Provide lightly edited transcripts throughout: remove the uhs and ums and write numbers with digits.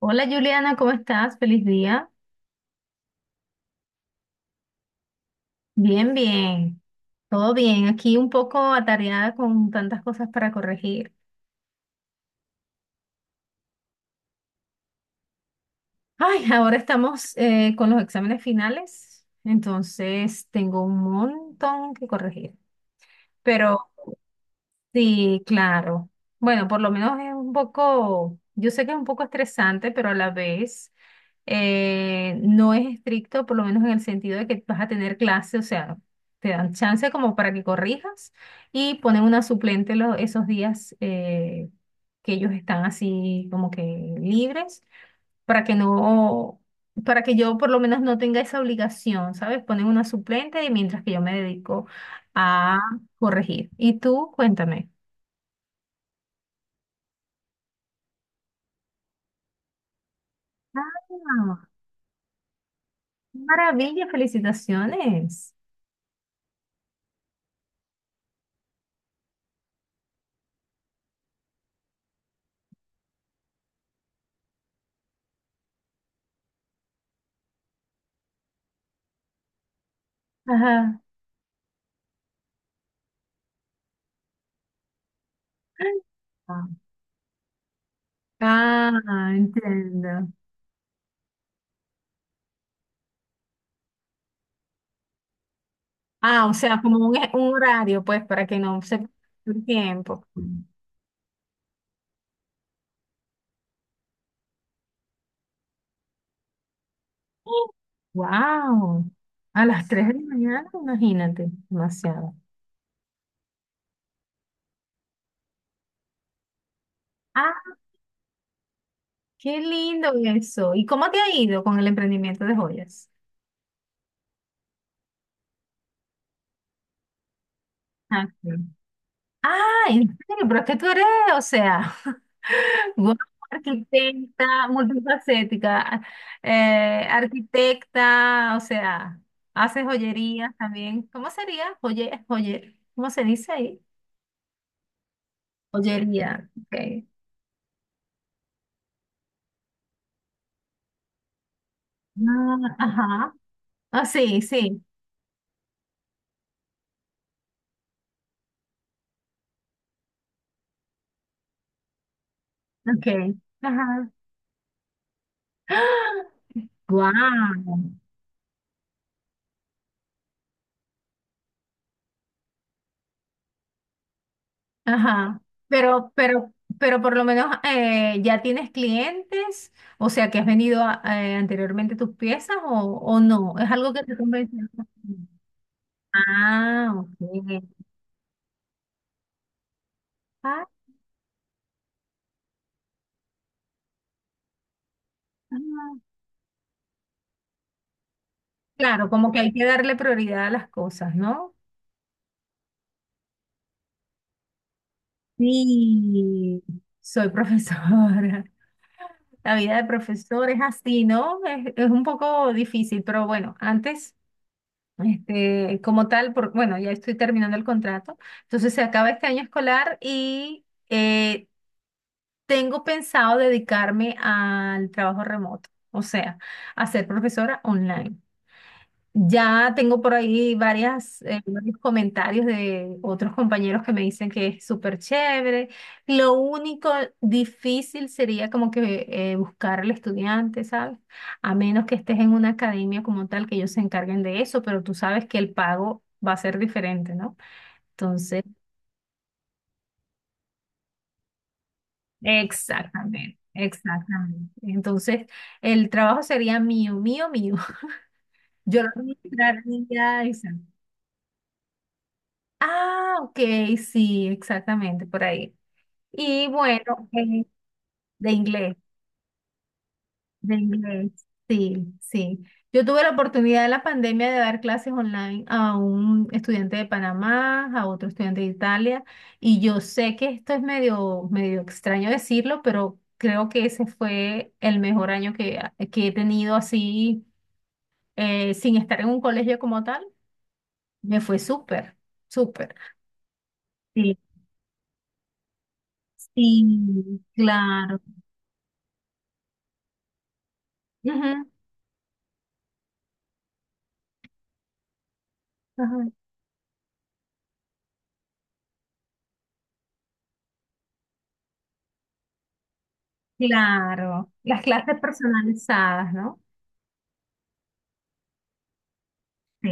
Hola Juliana, ¿cómo estás? Feliz día. Bien, bien. Todo bien. Aquí un poco atareada con tantas cosas para corregir. Ay, ahora estamos con los exámenes finales, entonces tengo un montón que corregir. Pero sí, claro. Bueno, por lo menos es un poco, yo sé que es un poco estresante, pero a la vez no es estricto, por lo menos en el sentido de que vas a tener clase, o sea, te dan chance como para que corrijas y ponen una suplente esos días que ellos están así como que libres, para que no, para que yo por lo menos no tenga esa obligación, ¿sabes? Ponen una suplente y mientras que yo me dedico a corregir. Y tú, cuéntame. Ah, ¡qué ¡Maravilla! Felicitaciones. Ajá. Ah, entiendo. Ah, o sea, como un, un horario, pues, para que no se pierda el tiempo. Wow. A las 3 de la mañana, imagínate, demasiado. Ah, qué lindo eso. ¿Y cómo te ha ido con el emprendimiento de joyas? Ah, sí. Ah, en serio, pero es que tú eres, o sea, guau, arquitecta, multifacética, o sea, haces joyerías también. ¿Cómo sería? ¿Cómo se dice ahí? Joyería, ok. Ah, ajá. Ah, sí, sí, ok. Ajá. ¡Ah! ¡Guau! Ajá, pero, pero, pero por lo menos ya tienes clientes, o sea, que has vendido anteriormente tus piezas o no, es algo que te convence. Ah, ok. Ah, ah, claro, como que hay que darle prioridad a las cosas, ¿no? Sí, soy profesora. La vida de profesor es así, ¿no? Es un poco difícil, pero bueno, antes. Este, como tal, por, bueno, ya estoy terminando el contrato. Entonces se acaba este año escolar y tengo pensado dedicarme al trabajo remoto, o sea, a ser profesora online. Ya tengo por ahí varias, varios comentarios de otros compañeros que me dicen que es súper chévere. Lo único difícil sería como que buscar al estudiante, ¿sabes? A menos que estés en una academia como tal que ellos se encarguen de eso, pero tú sabes que el pago va a ser diferente, ¿no? Entonces, exactamente, exactamente. Entonces, el trabajo sería mío, mío, mío. Yo lo administraría, exacto. Ah, ok, sí, exactamente, por ahí. Y bueno, de inglés, de inglés, sí, sí. Yo tuve la oportunidad en la pandemia de dar clases online a un estudiante de Panamá, a otro estudiante de Italia, y yo sé que esto es medio, medio extraño decirlo, pero creo que ese fue el mejor año que he tenido así, sin estar en un colegio como tal. Me fue súper, súper. Sí, sí, claro. Ujú, ajá. Claro, las clases personalizadas, ¿no? Sí,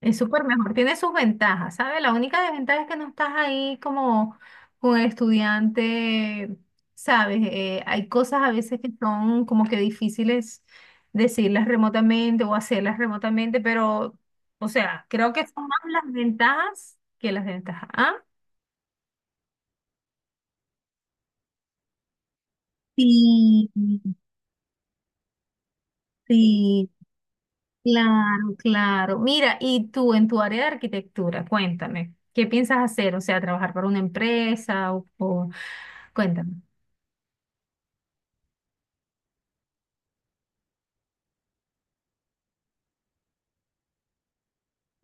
es súper mejor. Tiene sus ventajas, ¿sabes? La única desventaja es que no estás ahí como con el estudiante, ¿sabes? Hay cosas a veces que son como que difíciles decirlas remotamente o hacerlas remotamente, pero, o sea, creo que son más las ventajas que las desventajas. Ah, sí, sí. Claro, claro. Mira, y tú en tu área de arquitectura, cuéntame, ¿qué piensas hacer? O sea, trabajar para una empresa o- cuéntame.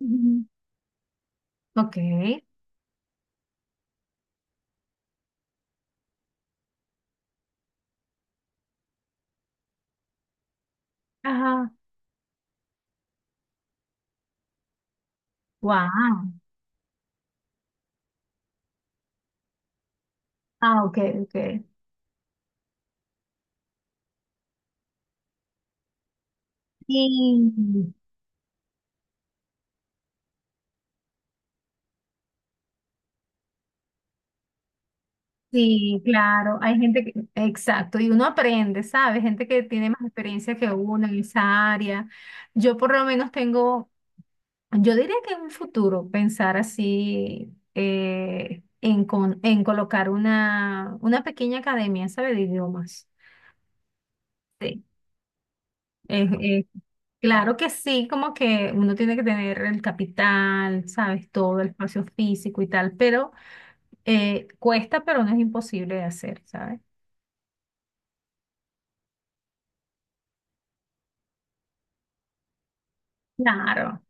Ujú. Ok. Ajá. Wow. Ah, ok, ok. Sí, sí, claro. Hay gente que, exacto, y uno aprende, ¿sabes? Gente que tiene más experiencia que uno en esa área. Yo por lo menos tengo. Yo diría que en un futuro pensar así en, en colocar una pequeña academia, ¿sabe? De idiomas. Sí. Es- es- claro que sí, como que uno tiene que tener el capital, ¿sabes? Todo el espacio físico y tal, pero cuesta, pero no es imposible de hacer, ¿sabes? Claro.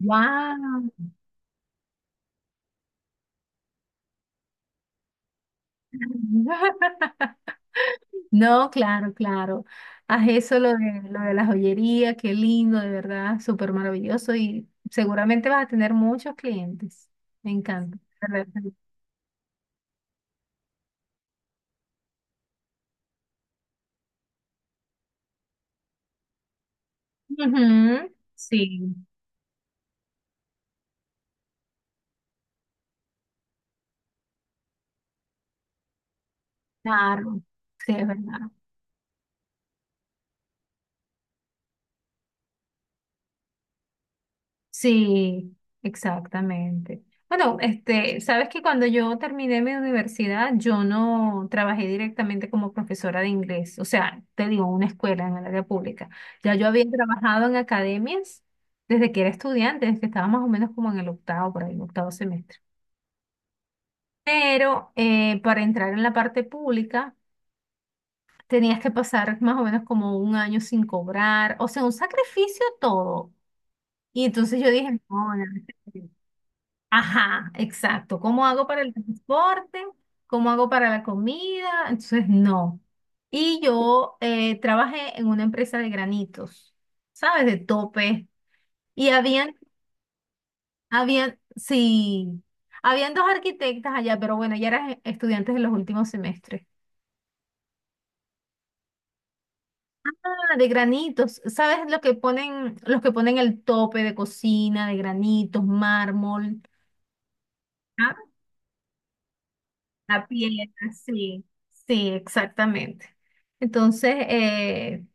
Wow. No, claro, claro. Haz eso lo de la joyería, qué lindo, de verdad, súper maravilloso y seguramente vas a tener muchos clientes. Me encanta. De verdad. Ujú, sí, claro, sí, es verdad. Sí, exactamente. Bueno, este, sabes que cuando yo terminé mi universidad, yo no trabajé directamente como profesora de inglés, o sea, te digo, una escuela en el área pública. Ya yo había trabajado en academias desde que era estudiante, desde que estaba más o menos como en el octavo, por ahí, el octavo semestre. Pero para entrar en la parte pública tenías que pasar más o menos como un año sin cobrar, o sea, un sacrificio todo. Y entonces yo dije, no, no. Ajá, exacto. ¿Cómo hago para el transporte? ¿Cómo hago para la comida? Entonces, no. Y yo trabajé en una empresa de granitos, ¿sabes? De tope. Y habían, habían, sí, habían dos arquitectas allá, pero bueno, ya eran estudiantes de los últimos semestres. Ah, de granitos, ¿sabes lo que ponen, los que ponen el tope de cocina, de granitos, mármol? La piel, sí, sí, exactamente. Entonces,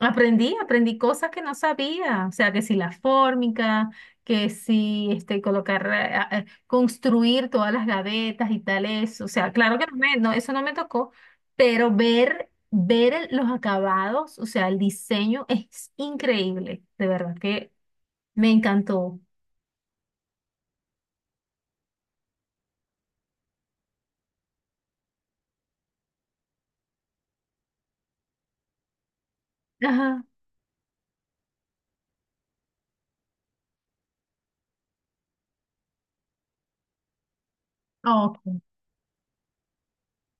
aprendí cosas que no sabía, o sea, que si la fórmica, que si este, colocar, construir todas las gavetas y tales, o sea, claro que no me, no, eso no me tocó, pero ver, los acabados, o sea, el diseño es increíble, de verdad que me encantó. Ajá. Ah, ok.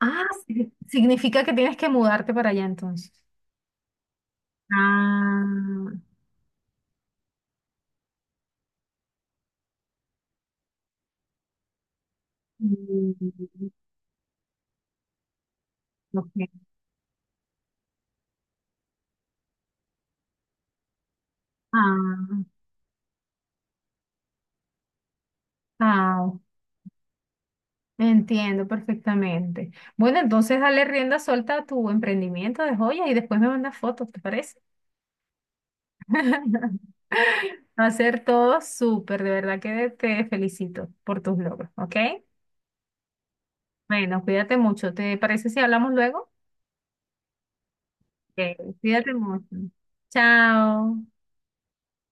Ah, sí, significa que tienes que mudarte para allá entonces. Ah, mm, ok. Ah, ah, entiendo perfectamente. Bueno, entonces dale rienda suelta a tu emprendimiento de joyas y después me mandas fotos, ¿te parece? Va a ser todo súper, de verdad que te felicito por tus logros, ¿ok? Bueno, cuídate mucho. ¿Te parece si hablamos luego? Ok, cuídate mucho. Chao.